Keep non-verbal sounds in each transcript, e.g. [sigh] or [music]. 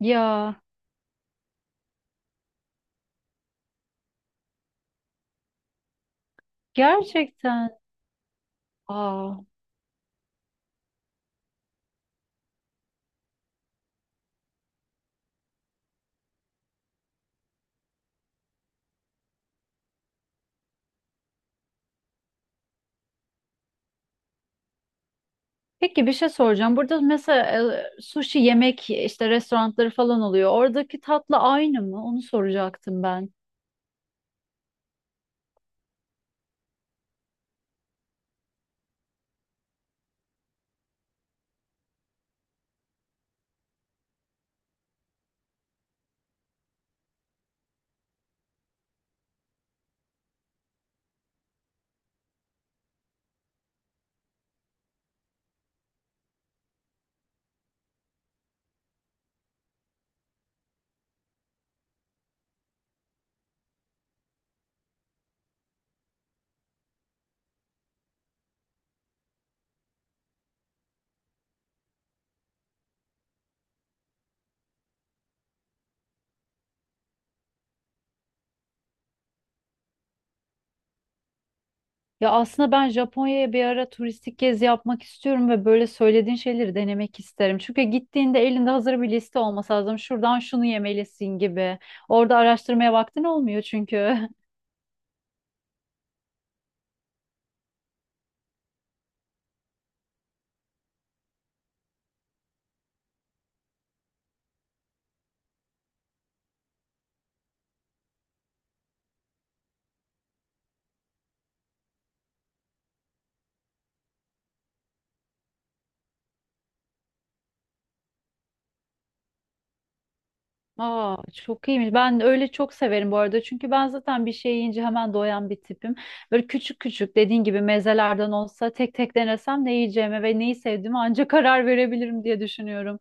Ya gerçekten. Aa. Peki bir şey soracağım. Burada mesela sushi yemek işte restoranları falan oluyor. Oradaki tatlı aynı mı? Onu soracaktım ben. Ya aslında ben Japonya'ya bir ara turistik gezi yapmak istiyorum ve böyle söylediğin şeyleri denemek isterim. Çünkü gittiğinde elinde hazır bir liste olması lazım. Şuradan şunu yemelisin gibi. Orada araştırmaya vaktin olmuyor çünkü. [laughs] Aa, çok iyiymiş. Ben öyle çok severim bu arada. Çünkü ben zaten bir şey yiyince hemen doyan bir tipim. Böyle küçük küçük dediğin gibi mezelerden olsa tek tek denesem ne yiyeceğime ve neyi sevdiğime ancak karar verebilirim diye düşünüyorum.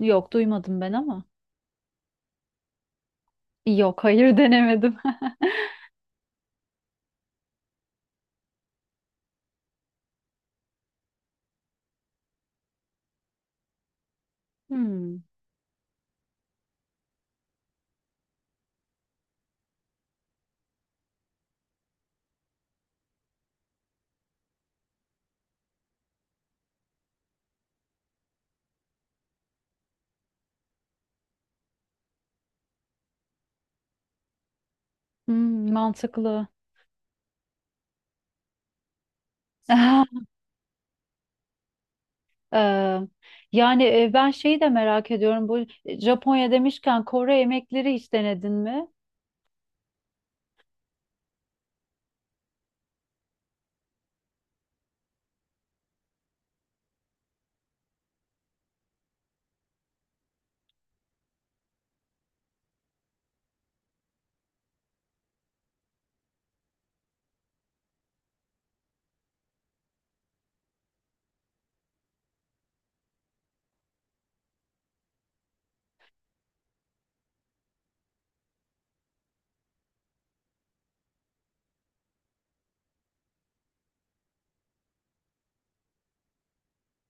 Yok, duymadım ben ama. Yok, hayır denemedim. [laughs] Hmm, hmm, mantıklı. [laughs] Ee, yani ben şeyi de merak ediyorum. Bu Japonya demişken Kore yemekleri hiç denedin mi?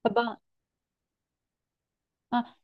Ha, ben ha,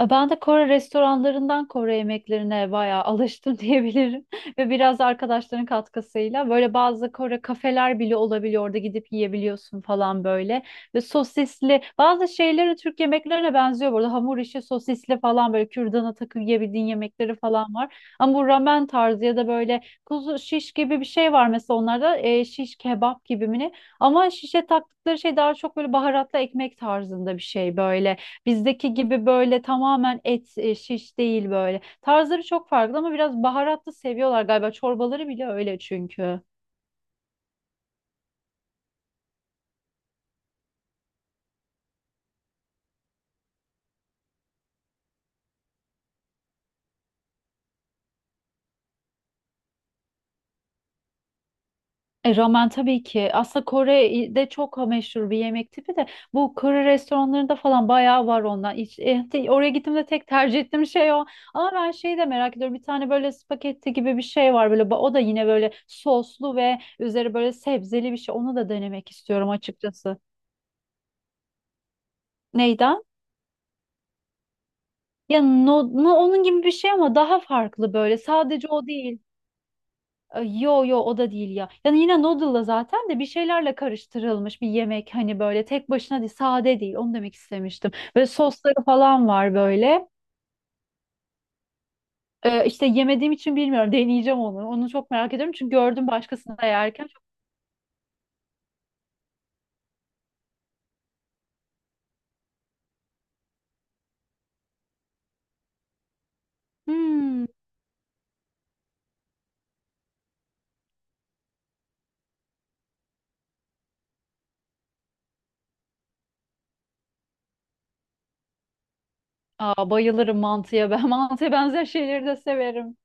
e, ben de Kore restoranlarından Kore yemeklerine bayağı alıştım [laughs] diyebilirim. Ve biraz da arkadaşların katkısıyla böyle bazı Kore kafeler bile olabiliyor. Orada gidip yiyebiliyorsun falan böyle. Ve sosisli bazı şeyleri Türk yemeklerine benziyor. Burada hamur işi sosisli falan böyle kürdana takıp yiyebildiğin yemekleri falan var. Ama bu ramen tarzı ya da böyle kuzu şiş gibi bir şey var mesela onlarda şiş kebap gibi mi ne? Ama şişe taktıkları şey daha çok böyle baharatlı ekmek tarzında bir şey böyle. Bizdeki gibi böyle tamamen et şiş değil böyle. Tarzları çok farklı ama biraz baharatlı seviyorlar galiba. Çorbaları bile öyle çünkü. Ramen tabii ki. Aslında Kore'de çok meşhur bir yemek tipi de bu Kore restoranlarında falan bayağı var ondan. Hiç, oraya gittiğimde tek tercih ettiğim şey o. Ama ben şeyi de merak ediyorum. Bir tane böyle spagetti gibi bir şey var böyle. O da yine böyle soslu ve üzeri böyle sebzeli bir şey. Onu da denemek istiyorum açıkçası. Neydi? Ya onun gibi bir şey ama daha farklı böyle. Sadece o değil. Yo yo, o da değil ya. Yani yine noodle'la zaten de bir şeylerle karıştırılmış bir yemek, hani böyle tek başına değil, sade değil, onu demek istemiştim. Böyle sosları falan var böyle. İşte yemediğim için bilmiyorum [laughs] deneyeceğim onu. Onu çok merak ediyorum çünkü gördüm başkasını da yerken. Çok, hmm, aa, bayılırım mantıya ben [laughs] mantıya benzer şeyleri de severim.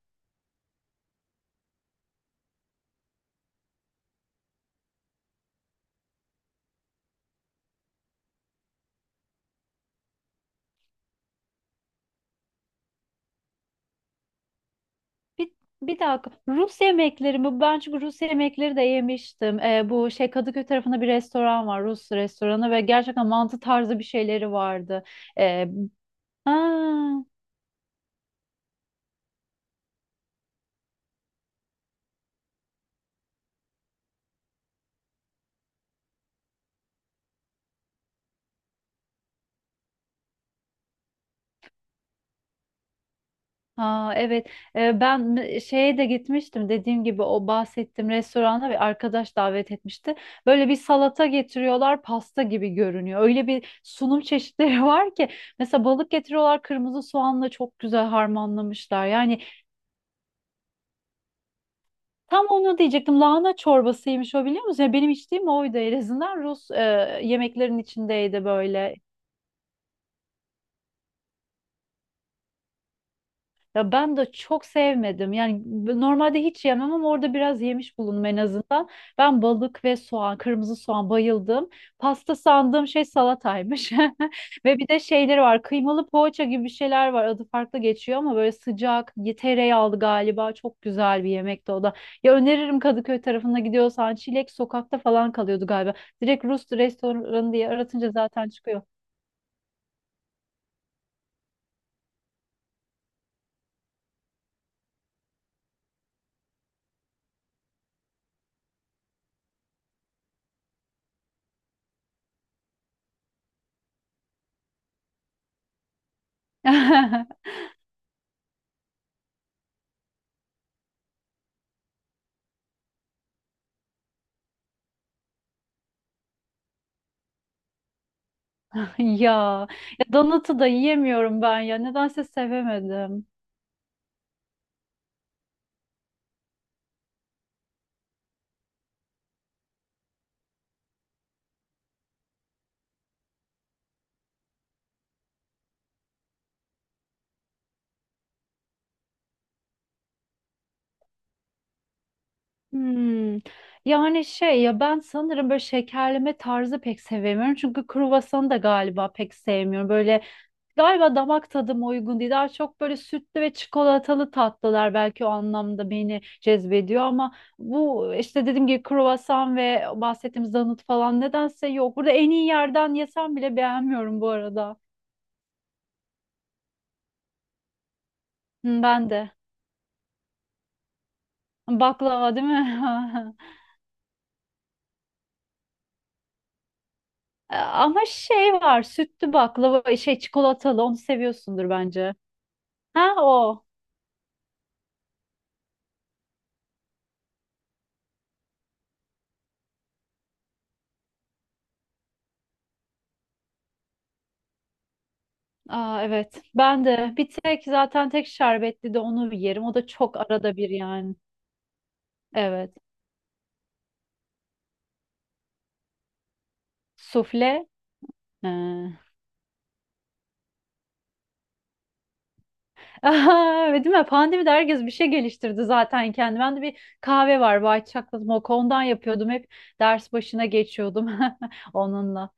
Bir, bir dakika. Rus yemekleri mi? Ben çünkü Rus yemekleri de yemiştim. Bu şey Kadıköy tarafında bir restoran var. Rus restoranı ve gerçekten mantı tarzı bir şeyleri vardı. Ee, ha, ha, evet. Ben şeye de gitmiştim. Dediğim gibi o bahsettiğim restorana bir arkadaş davet etmişti. Böyle bir salata getiriyorlar. Pasta gibi görünüyor. Öyle bir sunum çeşitleri [laughs] var ki. Mesela balık getiriyorlar. Kırmızı soğanla çok güzel harmanlamışlar. Yani tam onu diyecektim. Lahana çorbasıymış o, biliyor musun? Yani benim içtiğim oydu en azından. Rus yemeklerin içindeydi böyle. Ya ben de çok sevmedim. Yani normalde hiç yemem ama orada biraz yemiş bulundum en azından. Ben balık ve soğan, kırmızı soğan bayıldım. Pasta sandığım şey salataymış. [laughs] Ve bir de şeyleri var. Kıymalı poğaça gibi bir şeyler var. Adı farklı geçiyor ama böyle sıcak, tereyağlı galiba. Çok güzel bir yemekti o da. Ya öneririm, Kadıköy tarafına gidiyorsan. Çilek sokakta falan kalıyordu galiba. Direkt Rus restoranı diye aratınca zaten çıkıyor. [laughs] [laughs] Ya, ya donatı da yiyemiyorum ben ya. Nedense sevemedim. Hmm. Yani şey ya, ben sanırım böyle şekerleme tarzı pek sevemiyorum. Çünkü kruvasanı da galiba pek sevmiyorum. Böyle galiba damak tadıma uygun değil. Daha çok böyle sütlü ve çikolatalı tatlılar belki o anlamda beni cezbediyor ama bu işte dediğim gibi kruvasan ve bahsettiğimiz donut falan nedense yok. Burada en iyi yerden yesem bile beğenmiyorum bu arada. Hı, ben de. Baklava değil mi? [laughs] E, ama şey var, sütlü baklava, şey çikolatalı, onu seviyorsundur bence. Ha, o. Aa, evet. Ben de bir tek zaten tek şerbetli de onu yerim. O da çok arada bir yani. Evet. Sufle. Ha. Aha, [laughs] değil mi? Pandemide herkes bir şey geliştirdi zaten kendi. Ben de bir kahve var, White Chocolate Mocha. Ondan yapıyordum. Hep ders başına geçiyordum [laughs] onunla.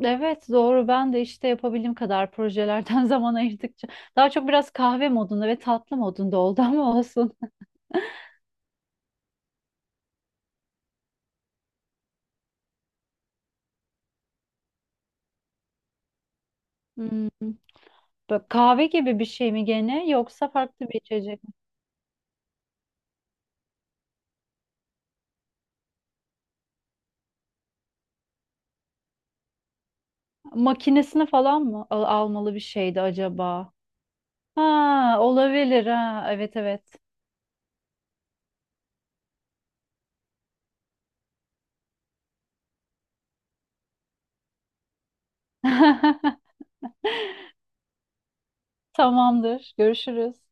Evet doğru, ben de işte yapabildiğim kadar projelerden [laughs] zaman ayırdıkça daha çok biraz kahve modunda ve tatlı modunda oldu ama olsun. Hmm. Bak, kahve gibi bir şey mi gene yoksa farklı bir içecek mi? Makinesini falan mı almalı bir şeydi acaba? Ha, olabilir, ha evet evet. [laughs] Tamamdır, görüşürüz.